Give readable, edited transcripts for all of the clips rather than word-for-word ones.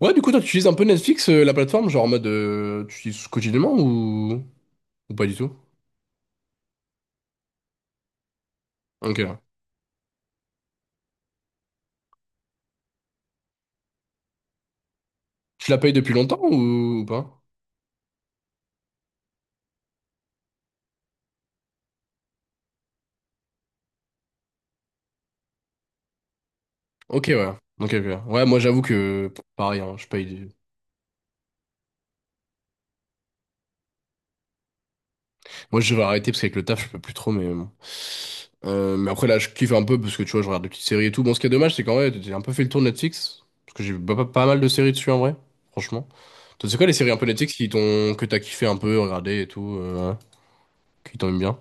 Ouais, du coup, toi, tu utilises un peu Netflix, la plateforme, genre en mode, tu utilises quotidiennement ou pas du tout? Ok, ouais. Tu la payes depuis longtemps ou pas? Ok, ouais. Ok, ok. Ouais, moi, j'avoue que, pff, pareil, hein, je paye. Moi, je vais arrêter parce qu'avec le taf, je peux plus trop, mais bon. Mais après, là, je kiffe un peu parce que, tu vois, je regarde des petites séries et tout. Bon, ce qui est dommage, c'est qu'en vrai, j'ai un peu fait le tour de Netflix. Parce que j'ai pas, pas- pas mal de séries dessus, en vrai. Franchement. Toi, c'est quoi les séries un peu Netflix qui t'ont, que t'as kiffé un peu, regardé et tout, ouais, qui t'ont aimé bien?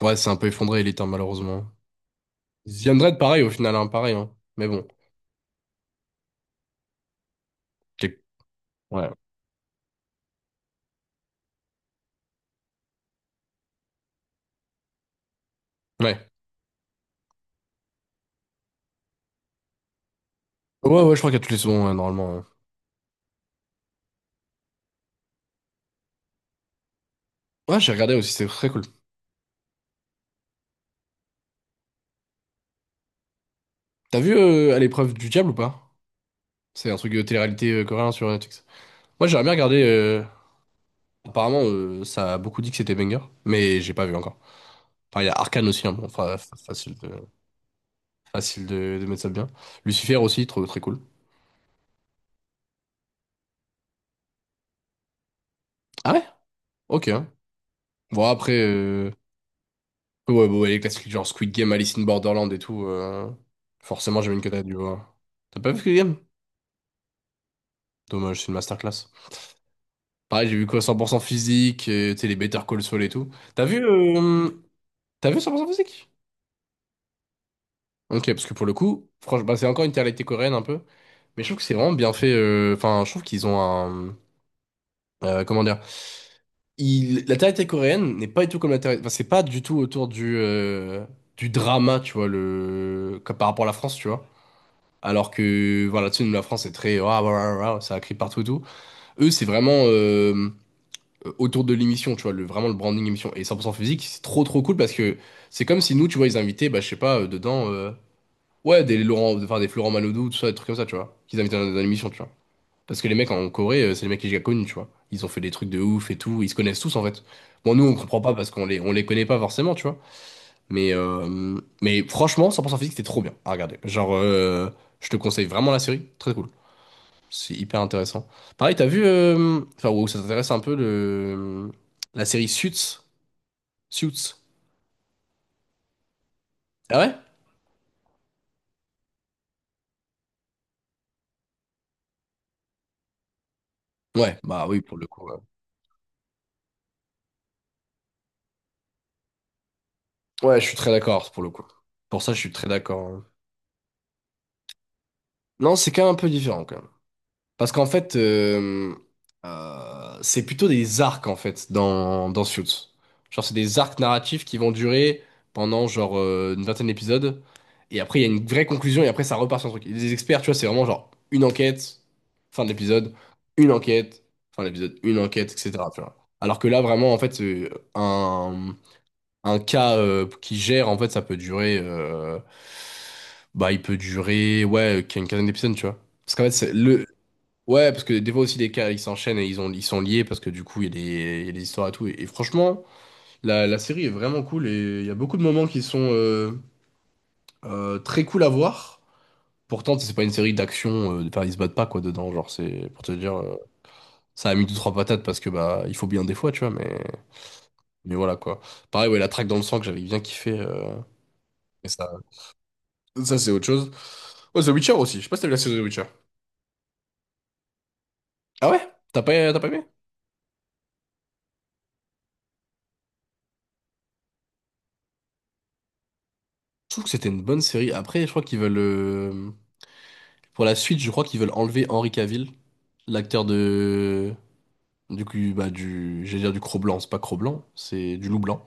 Ouais, c'est un peu effondré, Elite, hein, malheureusement. The Undead, pareil, au final, hein, pareil, hein. Mais bon. j'ai- Ouais. Ouais. Ouais, ouais, je crois qu'il y a toutes les saisons, ouais, normalement. Ouais. Ouais, j'ai regardé aussi, c'est très cool. T'as vu À l'épreuve du diable ou pas? C'est un truc de télé-réalité coréen sur Netflix. Moi, j'aimerais bien regarder. Apparemment, ça a beaucoup dit que c'était banger, mais j'ai pas vu encore. Enfin, il y a Arcane aussi, hein, bon, facile de mettre ça bien. Lucifer aussi, trop, très cool. Ah ouais? Ok, hein. Bon, après, ouais, bon, ouais, les classiques genre Squid Game, Alice in Borderland et tout, forcément, j'imagine que t'as dû voir. T'as pas vu Squid Game? Dommage, c'est une masterclass. Pareil, j'ai vu quoi 100% physique, et, tu sais, les Better Call Saul et tout. T'as vu, euh, t'as vu 100% physique? Ok, parce que pour le coup, franchement, bah, c'est encore une réalité coréenne un peu. Mais je trouve que c'est vraiment bien fait. Enfin, je trouve qu'ils ont un. Comment dire? Il, la télé coréenne n'est pas du tout comme la télé. Enfin, c'est pas du tout autour du drama, tu vois, le, comme par rapport à la France, tu vois. Alors que, voilà, tu sais, nous, la France est très. Ah ah ah ah ça crie partout et tout. Eux, c'est vraiment. Autour de l'émission, tu vois, le, vraiment le branding émission. Et 100% physique, c'est trop trop cool parce que c'est comme si nous, tu vois, ils invitaient, bah, je sais pas, dedans, ouais, des Laurent, enfin des Florent Manodou, tout ça, des trucs comme ça, tu vois, qu'ils invitaient dans, dans l'émission, tu vois. Parce que les mecs en Corée, c'est les mecs que j'ai connus, tu vois. Ils ont fait des trucs de ouf et tout, ils se connaissent tous en fait. Bon, nous, on comprend pas parce qu'on les, on les connaît pas forcément, tu vois. Mais franchement, 100% physique, c'était trop bien à regarder. Genre, je te conseille vraiment la série, très cool. C'est hyper intéressant. Pareil, t'as vu, enfin, wow, ça t'intéresse un peu le, la série Suits? Suits. Ah ouais? Ouais, bah oui, pour le coup. Ouais, Ouais, je suis très d'accord, pour le coup. Pour ça, je suis très d'accord, hein. Non, c'est quand même un peu différent. Parce qu'en fait, c'est plutôt des arcs, en fait, dans, dans Suits. Genre, c'est des arcs narratifs qui vont durer pendant, genre, une vingtaine d'épisodes. Et après, il y a une vraie conclusion, et après, ça repart sur un truc. Et Les experts, tu vois, c'est vraiment, genre, une enquête, fin de l'épisode, une enquête, fin de l'épisode, une enquête, etc., tu vois. Alors que là, vraiment, en fait, un, un cas qui gère, en fait, ça peut durer, bah, il peut durer, ouais, une quinzaine d'épisodes, tu vois. Parce qu'en fait, le, ouais, parce que des fois aussi des cas ils s'enchaînent et ils ont, ils sont liés parce que du coup il y a des, il y a des histoires et tout. Et franchement, la série est vraiment cool et il y a beaucoup de moments qui sont très cool à voir. Pourtant, c'est pas une série d'action, enfin ils se battent pas quoi dedans. Genre, c'est pour te dire, ça a mis deux trois patates parce que bah il faut bien des fois, tu vois, mais voilà quoi. Pareil, ouais, la traque dans le sang que j'avais bien kiffé, mais ça c'est autre chose. Oh, The Witcher aussi, je sais pas si t'as vu la série The Witcher. Ah ouais? T'as pas aimé? Je trouve que c'était une bonne série. Après, je crois qu'ils veulent. Pour la suite, je crois qu'ils veulent enlever Henry Cavill, l'acteur de du coup bah du j'allais dire du Cro-Blanc, c'est pas Cro-Blanc, c'est du Loup Blanc.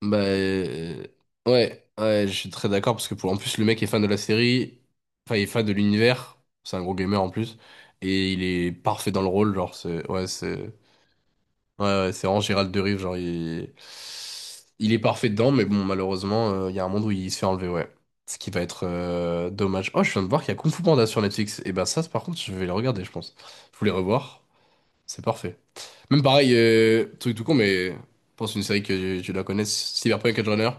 Bah ouais, ouais, je suis très d'accord parce que pour en plus le mec est fan de la série, enfin il est fan de l'univers, c'est un gros gamer en plus et il est parfait dans le rôle, genre c'est ouais, c'est ouais, ouais, c'est vraiment Gérald Derive, genre il est parfait dedans, mais bon, malheureusement, il y a un monde où il se fait enlever, ouais. Ce qui va être dommage. Oh, je viens de voir qu'il y a Kung Fu Panda sur Netflix. Et ben ça, par contre, je vais le regarder, je pense. Je voulais revoir, c'est parfait. Même pareil, truc tout con, mais je pense une série que tu la connais, Cyberpunk Edgerunner.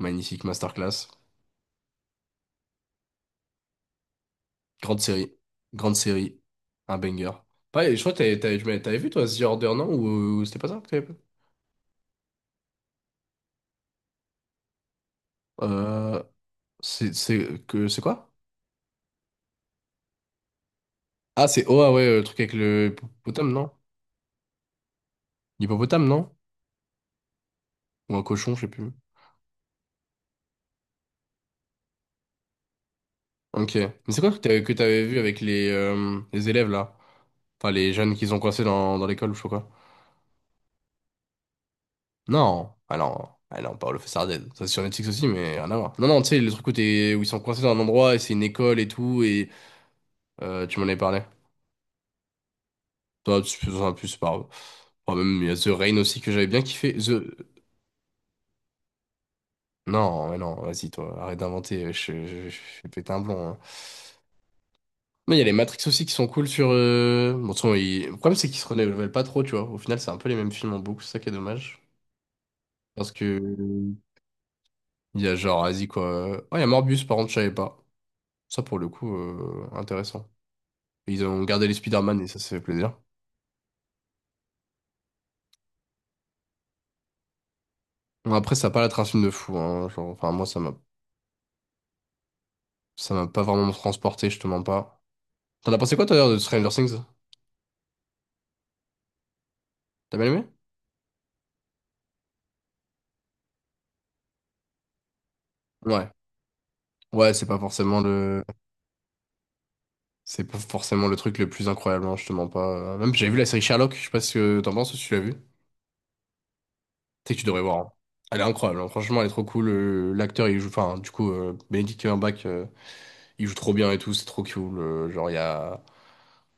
Magnifique masterclass. Grande série, grande série, un banger. Pareil, je crois que t'avais vu toi The Order, non? Ou c'était pas ça que t'avais pas? Euh, c'est que c'est quoi? Ah, c'est Oa, ouais, le truc avec le hippopotame, non? L'hippopotame, non? Ou un cochon, je sais plus. Ok. Mais c'est quoi que t'avais vu avec les élèves, là? Enfin, les jeunes qu'ils ont coincés dans, dans l'école, ou je sais pas quoi. Non. Ah non. Ah non, Paolo Fessarden. Ça, c'est sur Netflix aussi, mais rien à voir. Non, non, tu sais, le truc où, où ils sont coincés dans un endroit et c'est une école et tout, et tu m'en avais parlé. Toi, tu fais un plus, c'est pas grave. Enfin, même, il y a The Rain aussi que j'avais bien kiffé. The. Non, mais non, vas-y, toi, arrête d'inventer. Je vais péter un blond, hein. Mais il y a les Matrix aussi qui sont cool sur. Bon, de toute façon, le problème, c'est qu'ils se renouvellent pas trop, tu vois. Au final, c'est un peu les mêmes films en boucle, c'est ça qui est dommage. Parce que. Il y a genre, vas-y quoi. Oh, il y a Morbius, par contre, je savais pas. Ça, pour le coup, intéressant. Ils ont gardé les Spider-Man et ça fait plaisir. Bon, après, ça a pas la un film de fou, hein. Genre, enfin, moi, ça m'a pas vraiment transporté, je te mens pas. T'en as pensé quoi, toi, d'ailleurs, de Stranger Things? T'as bien aimé? Ouais. Ouais, c'est pas forcément le. C'est pas forcément le truc le plus incroyable, hein, je te mens pas. Même, j'ai vu la série Sherlock, je sais pas ce que t'en penses, si tu l'as vu. Sais que tu devrais voir, hein. Elle est incroyable, hein. Franchement, elle est trop cool. L'acteur, il joue, enfin, du coup, Benedict Cumberbatch, il joue trop bien et tout, c'est trop cool. Genre, il y a.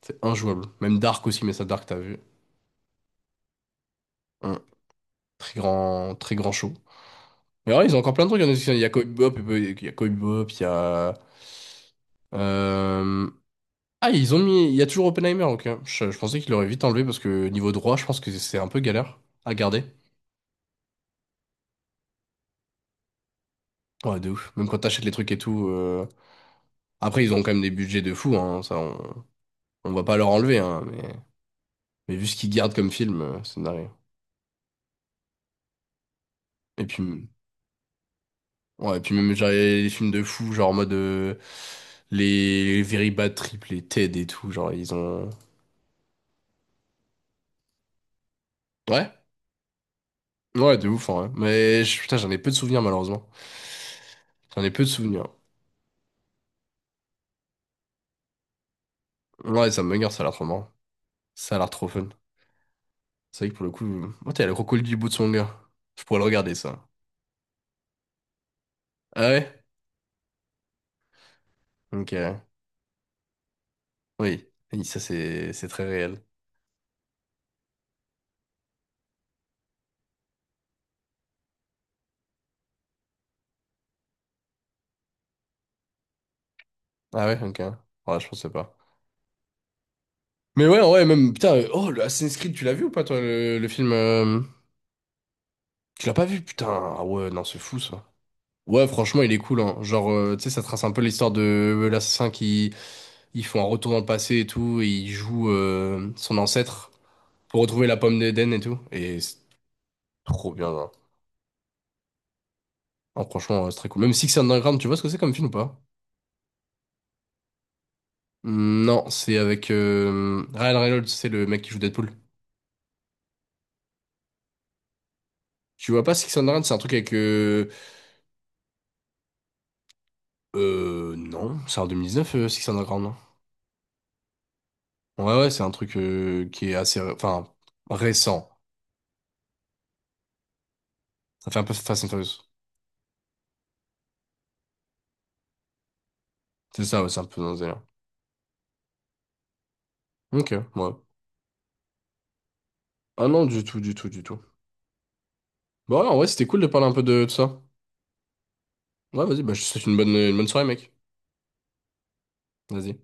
C'est injouable. Même Dark aussi, mais ça, Dark, t'as vu. Hum. Très grand show. Mais ouais, ils ont encore plein de trucs. Il y en a, il y a Cowboy Bebop, il y a. Euh, Ah, ils ont mis. Il y a toujours Oppenheimer, ok. Je pensais qu'ils l'auraient vite enlevé parce que niveau droit, je pense que c'est un peu galère à garder. Ouais, de ouf. Même quand t'achètes les trucs et tout. Après, ils ont quand même des budgets de fou, hein, ça, on va pas leur enlever, hein, mais vu ce qu'ils gardent comme film, c'est narré. Et puis, ouais, et puis même genre, les films de fous, genre en mode les Very Bad Trip, les TED et tout, genre ils ont. Ouais, ouais, de ouf, hein, ouais. Mais putain, j'en ai peu de souvenirs malheureusement. J'en ai peu de souvenirs. Ouais, ça a l'air trop marrant. Ça a l'air trop fun. C'est vrai que pour le coup, oh, t'as le crocodile du bout de son gars. Je pourrais le regarder ça. Ah ouais? Ok. Oui. Oui, ça c'est très réel. Ah ouais, ok. Ouais, je pensais pas. Mais ouais, ouais, même, putain, oh, le Assassin's Creed, tu l'as vu ou pas, toi, le film. Euh, Tu l'as pas vu, putain, ah ouais, non, c'est fou, ça. Ouais, franchement, il est cool, hein. Genre, tu sais, ça trace un peu l'histoire de l'assassin qui. Ils font un retour dans le passé et tout, et il joue son ancêtre pour retrouver la pomme d'Éden et tout. Et c'est trop bien, hein. Ah, franchement, c'est très cool. Même Six Underground, tu vois ce que c'est comme film ou pas? Hmm, non, c'est avec Ryan Reynolds, c'est le mec qui joue Deadpool. Tu vois pas Six Underground, c'est un truc avec. Non, c'est en 2019, Six Underground. Ouais, ouais, c'est un truc qui est assez, enfin, récent. Ça fait un peu Fast and Furious. C'est ça, ouais, c'est un peu dans ce délire. Ok, ouais. Ah non, du tout, du tout, du tout. Bon, ouais, en vrai, c'était cool de parler un peu de ça. Ouais, vas-y, bah, je te souhaite une bonne soirée, mec. Vas-y.